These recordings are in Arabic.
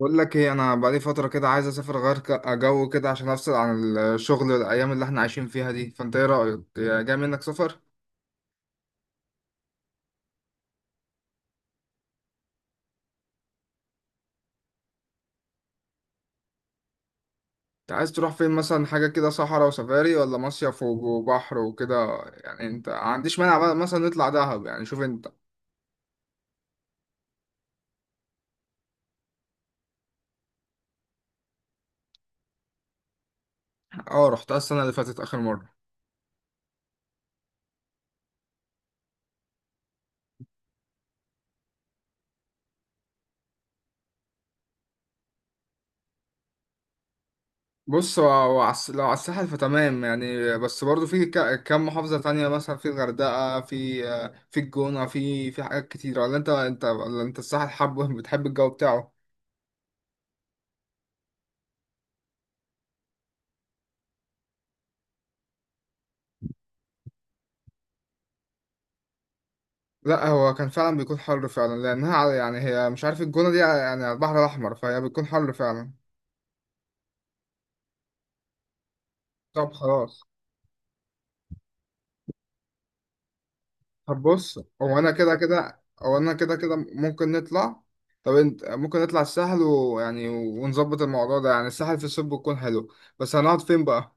بقول لك ايه؟ انا بقالي فتره كده عايز اسافر غير جو كده عشان افصل عن الشغل الايام اللي احنا عايشين فيها دي، فانت ايه رايك؟ يا جاي منك سفر. انت عايز تروح فين مثلا؟ حاجه كده صحراء وسفاري، ولا مصيف وبحر وكده؟ يعني انت ما عنديش مانع بقى مثلا نطلع دهب؟ يعني شوف انت. اه، رحتها السنه اللي فاتت اخر مره. بص، لو على الساحل فتمام يعني، بس برضو في كام محافظه تانية. مثلا في الغردقه، في الجونه، في حاجات كتير. ولا انت ولا انت الساحل حابه؟ بتحب الجو بتاعه؟ لا، هو كان فعلا بيكون حر فعلا، يعني هي، مش عارف، الجونة دي يعني على البحر الأحمر، فهي بتكون حر فعلا. طب خلاص. طب بص، هو أنا كده كده، هو أنا كده كده ممكن نطلع. طب انت ممكن نطلع الساحل، ويعني ونظبط الموضوع ده. يعني الساحل في الصيف بيكون حلو. بس هنقعد فين بقى؟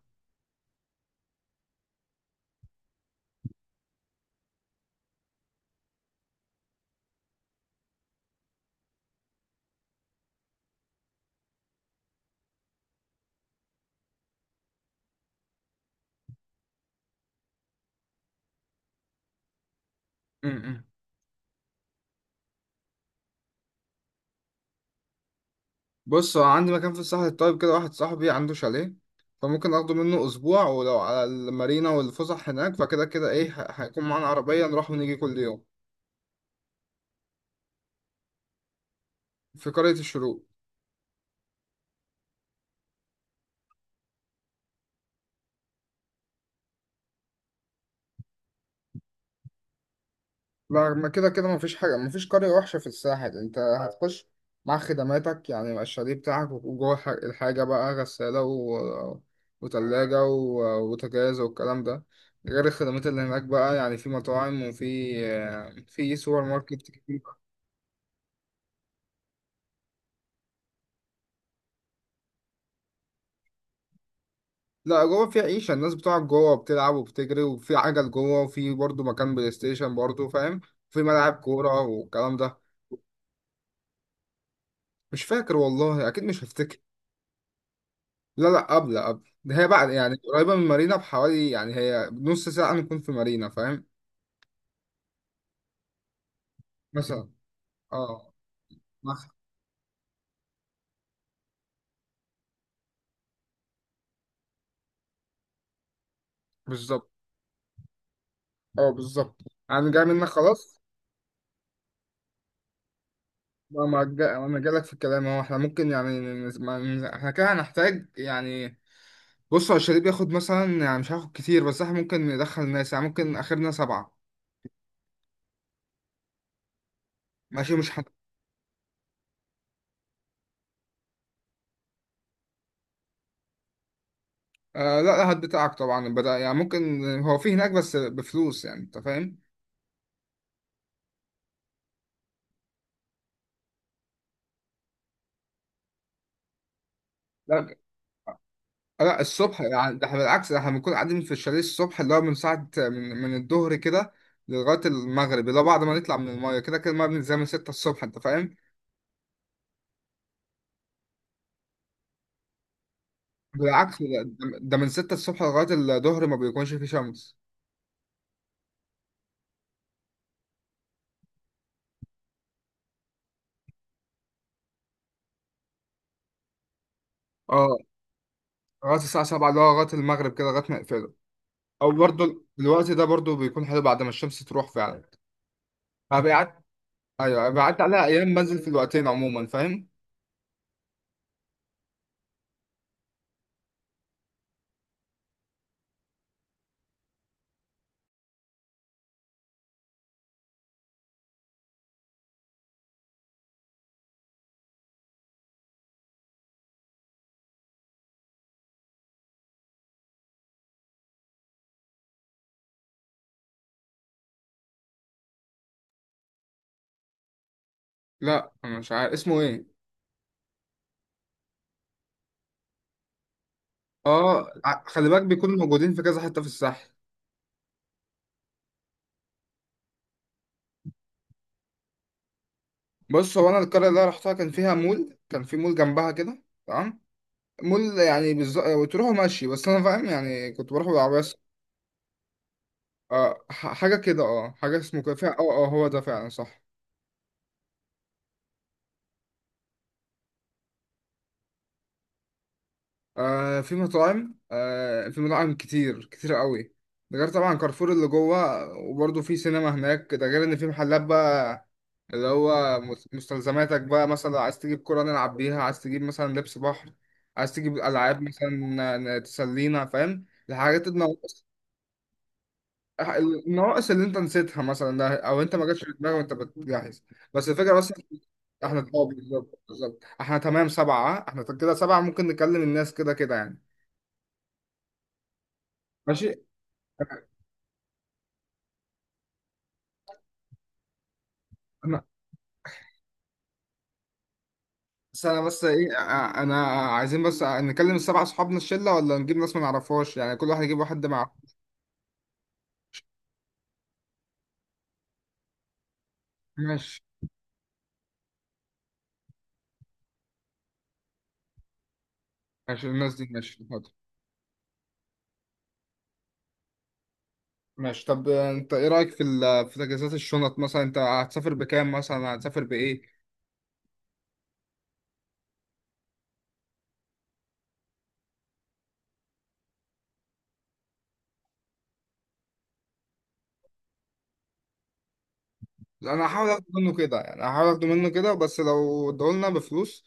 م-م. بص، هو عندي مكان في الساحل الطيب كده. واحد صاحبي عنده شاليه، فممكن اخده منه اسبوع. ولو على المارينا والفسح هناك فكده كده ايه، هيكون معانا عربية نروح ونيجي كل يوم. في قرية الشروق. ما كده كده مفيش حاجة، مفيش قرية وحشة في الساحل. انت هتخش مع خدماتك يعني، مع الشاليه بتاعك، وجوه الحاجة بقى، غسالة، و... وتلاجة، و... وتجهيز والكلام ده، غير الخدمات اللي هناك بقى، يعني في مطاعم، وفي سوبر ماركت كتير. لا، جوه في عيشة، الناس بتقعد جوه بتلعب وبتجري، وفي عجل جوه، وفي برضه مكان بلاي ستيشن برضه، فاهم؟ في ملاعب كورة والكلام ده. مش فاكر والله، أكيد مش هفتكر. لا لا، قبل ده. هي بعد يعني، قريبة من مارينا بحوالي يعني، هي نص ساعة نكون في مارينا، فاهم؟ مثلا. اه مثلا. بالظبط. اه، بالظبط. انا جاي منك خلاص. ما ما جا- انا جاي لك في الكلام اهو. احنا ممكن يعني، احنا كده هنحتاج يعني. بص، هو الشاليه بياخد مثلا، يعني مش هاخد كتير، بس احنا ممكن ندخل ناس، يعني ممكن اخرنا سبعة. ماشي مش حد. آه لا لا، هات بتاعك طبعا. بدأ يعني، ممكن هو في هناك بس بفلوس، يعني انت فاهم. لا. آه، لا الصبح يعني، ده احنا بالعكس، ده احنا بنكون قاعدين في الشاليه الصبح، اللي هو من ساعة من الظهر كده، لغاية المغرب اللي هو بعد ما نطلع من المايه. كده كده المايه بننزل من 6 الصبح، انت فاهم؟ بالعكس، ده من 6 الصبح لغاية الظهر ما بيكونش فيه شمس. اه، لغاية الساعة 7، اللي هو لغاية المغرب كده، لغاية ما يقفلوا. او برضه الوقت ده برضه بيكون حلو بعد ما الشمس تروح فعلا. فبيعت. ايوه، بيعدي عليها ايام بنزل في الوقتين عموما، فاهم؟ لا، انا مش عارف اسمه ايه؟ اه، خلي بالك بيكونوا موجودين في كذا حتة في الساحل. بص، هو انا القريه اللي أنا رحتها كان فيها مول، كان في مول جنبها كده، تمام؟ مول يعني بالظبط تروحوا ماشي، بس انا فاهم يعني، كنت بروح بالعربيه آه، حاجه كده. اه حاجه اسمه كده، فيها، هو ده فعلا، صح. آه في مطاعم كتير كتير قوي. ده غير طبعا كارفور اللي جوه، وبرضه في سينما هناك. ده غير ان في محلات بقى، اللي هو مستلزماتك بقى. مثلا عايز تجيب كرة نلعب بيها، عايز تجيب مثلا لبس بحر، عايز تجيب ألعاب مثلا، تسلينا، فاهم؟ الحاجات النواقص، النواقص اللي انت نسيتها مثلا ده، او انت ما جاتش في دماغك وانت بتجهز. بس الفكرة بس. احنا، بالظبط بالظبط، احنا تمام سبعة، اه؟ احنا كده سبعة، ممكن نكلم الناس كده كده يعني. ماشي. انا بس، انا عايزين بس نكلم السبع اصحابنا الشله، ولا نجيب ناس ما نعرفهاش؟ يعني كل واحد يجيب واحد مع. ماشي ماشي، الناس دي ماشي، حاضر. ماشي. طب انت ايه رايك في تجهيزات الشنط مثلا؟ انت هتسافر بكام مثلا؟ هتسافر بايه؟ انا هحاول اخد منه كده يعني، هحاول اخده منه كده. بس لو ادولنا بفلوس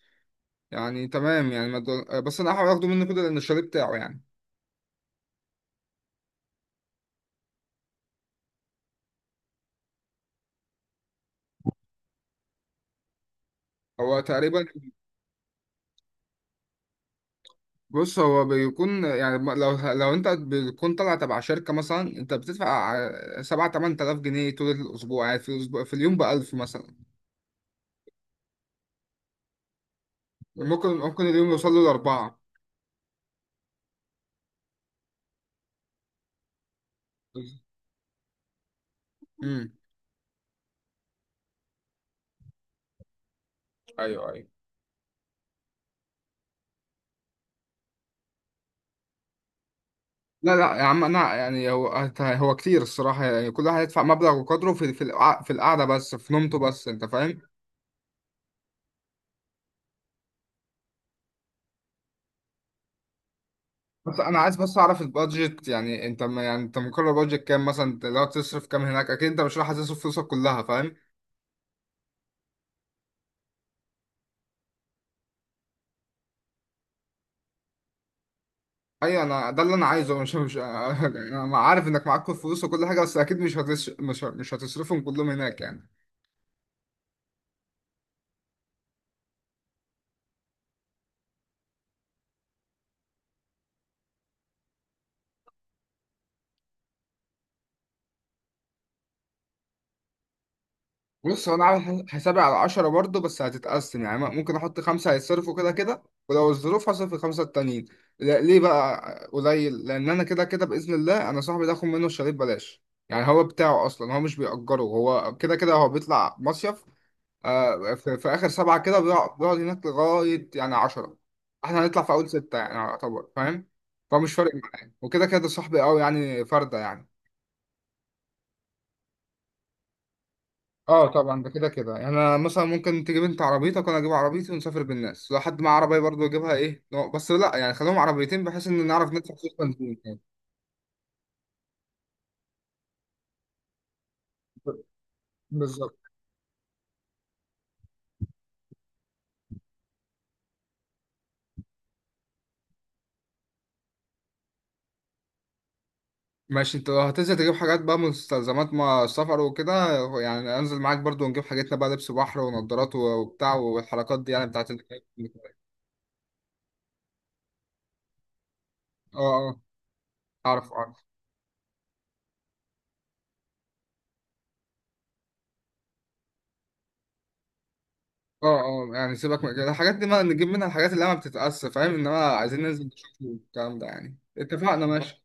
يعني تمام يعني، ما ادول- بس انا هحاول اخده منه كده، لان الشاليه بتاعه يعني. هو تقريبا. بص، هو بيكون يعني، لو انت بتكون طالع تبع شركة مثلا، انت بتدفع سبعة تمن تلاف جنيه طول الأسبوع يعني، في الأسبوع، في اليوم بألف مثلا. ممكن اليوم يوصل له لأربعة. امم. ايوه ايوه. لا لا يا عم، أنا يعني، هو كتير الصراحة يعني، كل واحد يدفع مبلغ وقدره في القعدة بس، في نومته بس، أنت فاهم. بس أنا عايز بس أعرف البادجت. يعني أنت يعني أنت مقرر بادجت كام مثلا؟ أنت لو تصرف كام هناك؟ أكيد أنت مش رايح تصرف فلوسك كلها. ايوه، انا ده اللي انا عايزه. مش انا عارف انك معاك كل فلوس وكل حاجه، بس اكيد مش هتصرفهم كلهم هناك يعني. بص، هو انا عامل حسابي على 10 برضه، بس هتتقسم يعني. ممكن احط خمسه هيتصرفوا كده كده، ولو الظروف هصرف الخمسه التانيين. ليه بقى؟ قليل، لان انا كده كده باذن الله، انا صاحبي ده اخد منه الشاليه ببلاش، يعني هو بتاعه اصلا، هو مش بيأجره، هو كده كده هو بيطلع مصيف. آه، في اخر سبعه كده بيقعد هناك لغايه يعني عشرة. احنا هنطلع في اول سته يعني، يعتبر فاهم. فمش فارق معايا، وكده كده صاحبي قوي يعني، فرده يعني. اه طبعا، ده كده كده يعني. انا مثلا ممكن تجيب انت عربيتك، وانا اجيب عربيتي، ونسافر بالناس. لو حد معاه عربيه برضه يجيبها، ايه بس لا يعني، خليهم عربيتين بحيث ان نعرف ندفع فلوس بنزين يعني. بالظبط. ماشي. انت لو هتنزل تجيب حاجات بقى، مستلزمات ما السفر وكده، يعني انزل معاك برضو، ونجيب حاجتنا بقى، لبس بحر ونضارات وبتاع، والحركات دي يعني بتاعت اه. آه. اعرف اعرف. اه اه، يعني سيبك من كده، الحاجات دي ما نجيب منها الحاجات اللي ما بتتقاس، فاهم؟ انما عايزين ننزل نشوف الكلام ده يعني. اتفقنا بالظبط، ماشي.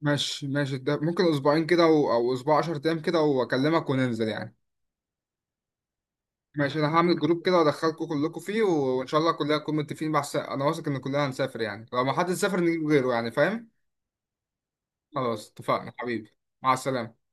ماشي ماشي، ده ممكن اسبوعين كده او اسبوع 10 ايام كده، واكلمك وننزل يعني. ماشي. انا هعمل جروب كده، وادخلكم كلكم فيه، وان شاء الله كلنا نكون متفقين. بس انا واثق ان كلنا هنسافر يعني، لو ما حد سافر نجيب غيره يعني، فاهم؟ خلاص، اتفقنا حبيبي. مع السلامة.